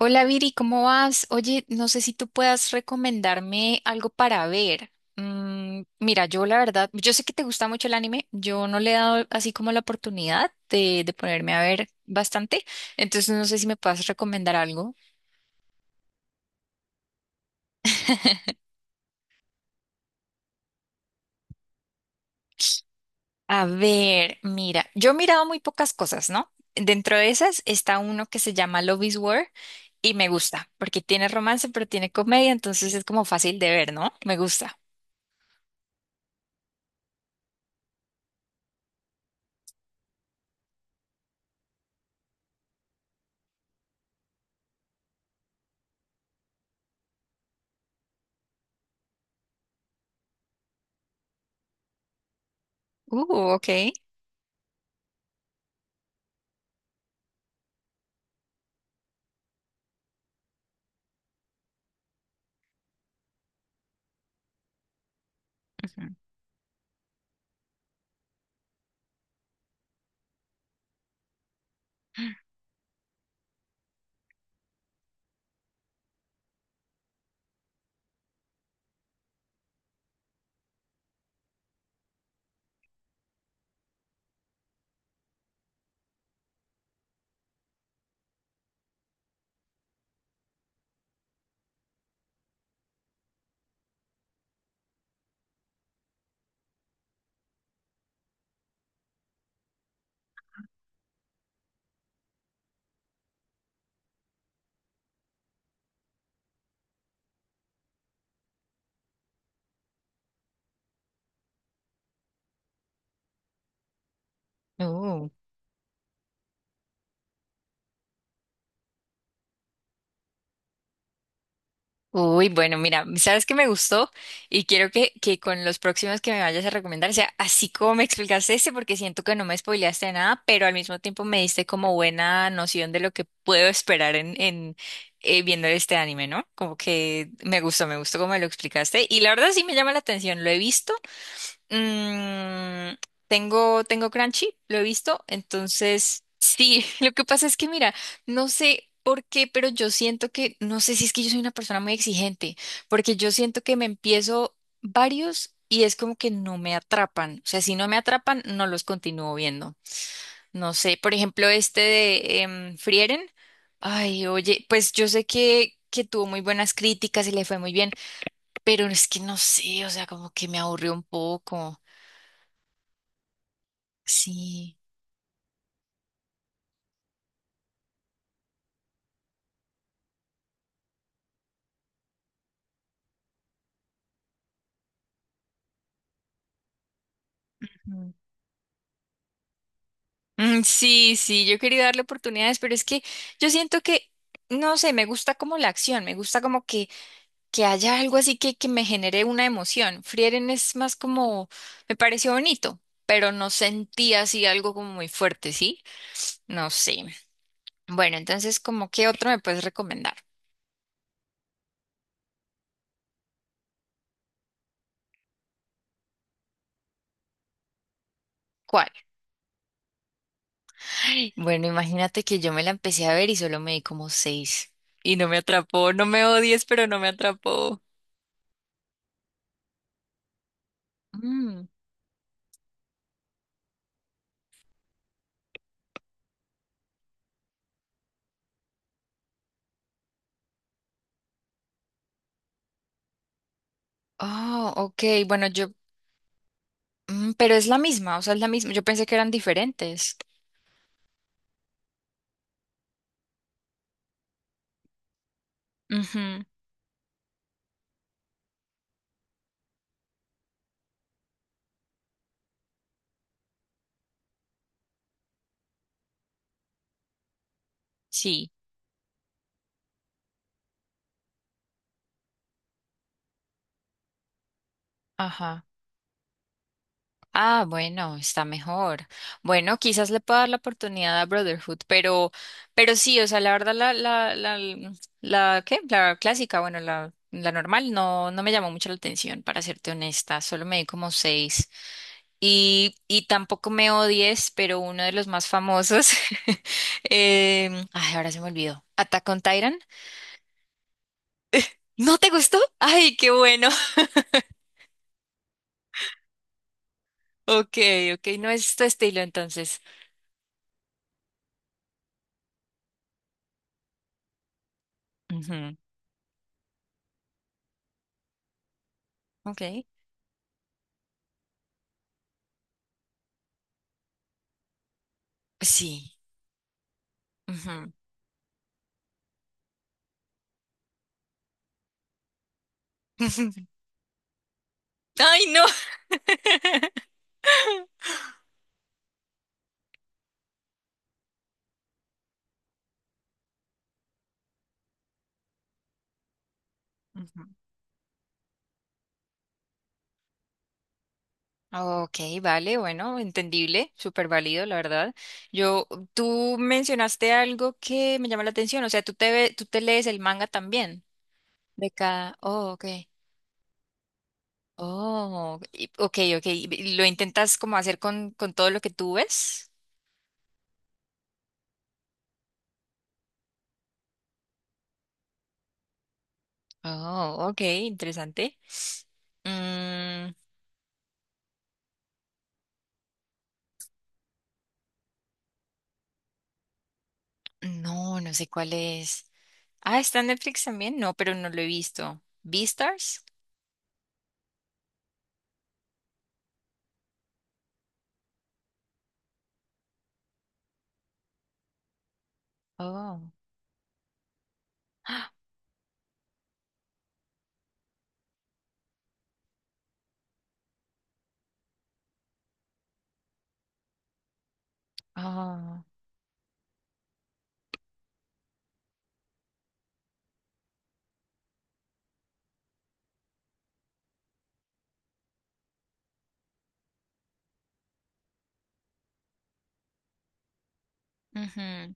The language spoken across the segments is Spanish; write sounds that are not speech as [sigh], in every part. Hola Viri, ¿cómo vas? Oye, no sé si tú puedas recomendarme algo para ver. Mira, yo la verdad, yo sé que te gusta mucho el anime, yo no le he dado así como la oportunidad de ponerme a ver bastante, entonces no sé si me puedas recomendar algo. [laughs] A ver, mira, yo he mirado muy pocas cosas, ¿no? Dentro de esas está uno que se llama Love is War y me gusta, porque tiene romance, pero tiene comedia, entonces es como fácil de ver, ¿no? Me gusta. Ok. Ujú. Uh. Uy, bueno, mira, ¿sabes que me gustó? Y quiero que con los próximos que me vayas a recomendar sea así como me explicaste este, porque siento que no me spoileaste de nada, pero al mismo tiempo me diste como buena noción de lo que puedo esperar en viendo este anime, ¿no? Como que me gustó como me lo explicaste. Y la verdad sí me llama la atención, lo he visto. Mm, tengo Crunchy, lo he visto, entonces sí. [laughs] Lo que pasa es que mira, no sé por qué, pero yo siento que, no sé si es que yo soy una persona muy exigente, porque yo siento que me empiezo varios y es como que no me atrapan, o sea, si no me atrapan, no los continúo viendo. No sé, por ejemplo, este de Frieren, ay, oye, pues yo sé que tuvo muy buenas críticas y le fue muy bien, pero es que no sé, o sea, como que me aburrió un poco. Sí. Ujú. Sí, sí, yo quería darle oportunidades, pero es que yo siento que, no sé, me gusta como la acción, me gusta como que haya algo así que me genere una emoción. Frieren es más como, me pareció bonito, pero no sentí así algo como muy fuerte, ¿sí? No sé. Bueno, entonces, ¿como qué otro me puedes recomendar? ¿Cuál? Bueno, imagínate que yo me la empecé a ver y solo me di como seis y no me atrapó, no me odies, pero no me atrapó. Oh, ok. Bueno, yo, pero es la misma, o sea, es la misma. Yo pensé que eran diferentes. Ujú. Sí, ajá. Ah, bueno, está mejor. Bueno, quizás le pueda dar la oportunidad a Brotherhood, pero sí, o sea, la verdad, la, ¿qué? La clásica, bueno, la normal, no, no me llamó mucho la atención, para serte honesta. Solo me di como seis. Y tampoco me odies, pero uno de los más famosos. [laughs] Ay, ahora se me olvidó. Attack on Titan. ¿No te gustó? Ay, qué bueno. [laughs] Ok, ok, no es tu estilo entonces. Ujú. Ok. Sí. Ujú. [laughs] Ay, no. [laughs] Ujú. Ok, vale, bueno, entendible, súper válido, la verdad. Yo, tú mencionaste algo que me llama la atención, o sea, tú te lees el manga también de cada. Oh, ok. Ok, ok. ¿Y lo intentas como hacer con todo lo que tú ves? Oh, ok, interesante. Mm, no, no sé cuál es. Ah, está en Netflix también. No, pero no lo he visto. ¿Beastars? Oh. [gasps] Ah, oh. Ujú.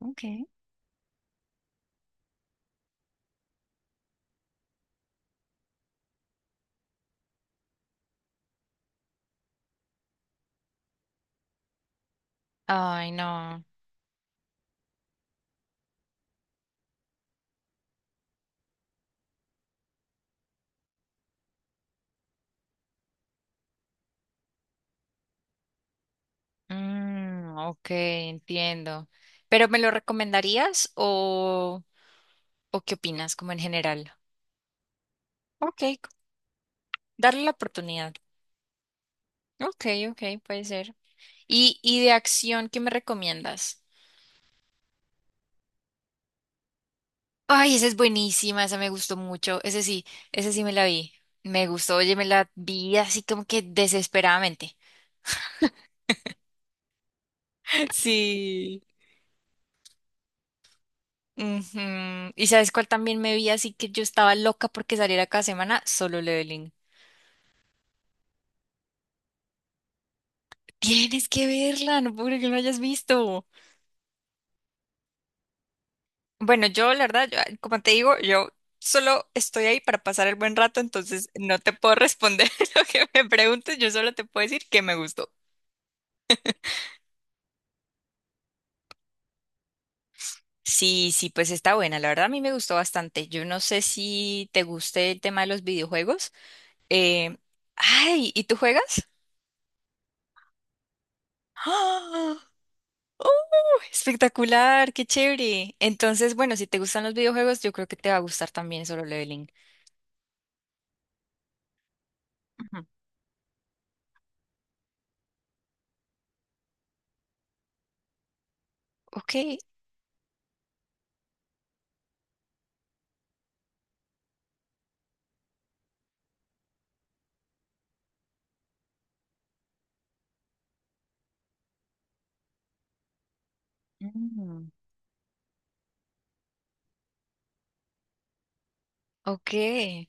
Ok. Ay, no. Mm, ok, entiendo. ¿Pero me lo recomendarías o qué opinas, como en general? Ok, c- Darle la oportunidad. Ok, ok, puede ser. Y de acción, qué me recomiendas? Ay, esa es buenísima, esa me gustó mucho. Ese sí me la vi. Me gustó, oye, me la vi así como que desesperadamente. [laughs] Sí. Ujú. ¿Y sabes cuál también me vi así que yo estaba loca porque saliera cada semana? Solo Leveling. Tienes que verla, no puedo creer que no la hayas visto. Bueno, yo la verdad, como te digo, yo solo estoy ahí para pasar el buen rato, entonces no te puedo responder [laughs] lo que me preguntes, yo solo te puedo decir que me gustó. Sí, sí, pues está buena. La verdad a mí me gustó bastante. Yo no sé si te guste el tema de los videojuegos. Eh, Ay, ¿y tú juegas? ¡Ah! ¡Oh, espectacular! ¡Qué chévere! Entonces, bueno, si te gustan los videojuegos, yo creo que te va a gustar también Solo Leveling. Ujú. Ok. Mm, ok.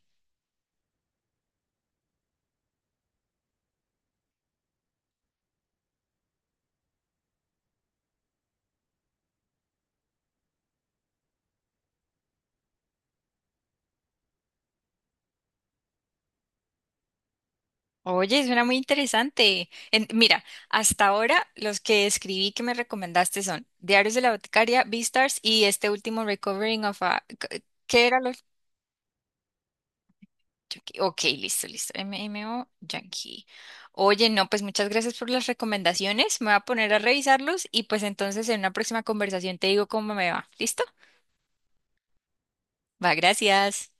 Oye, suena muy interesante. Mira, hasta ahora los que escribí que me recomendaste son Diarios de la Boticaria, Beastars y este último Recovering of a... ¿Qué era? Yankee. Ok, listo, listo. M O Yankee. Oye, no, pues muchas gracias por las recomendaciones. Me voy a poner a revisarlos y pues entonces en una próxima conversación te digo cómo me va. ¿Listo? Va, gracias.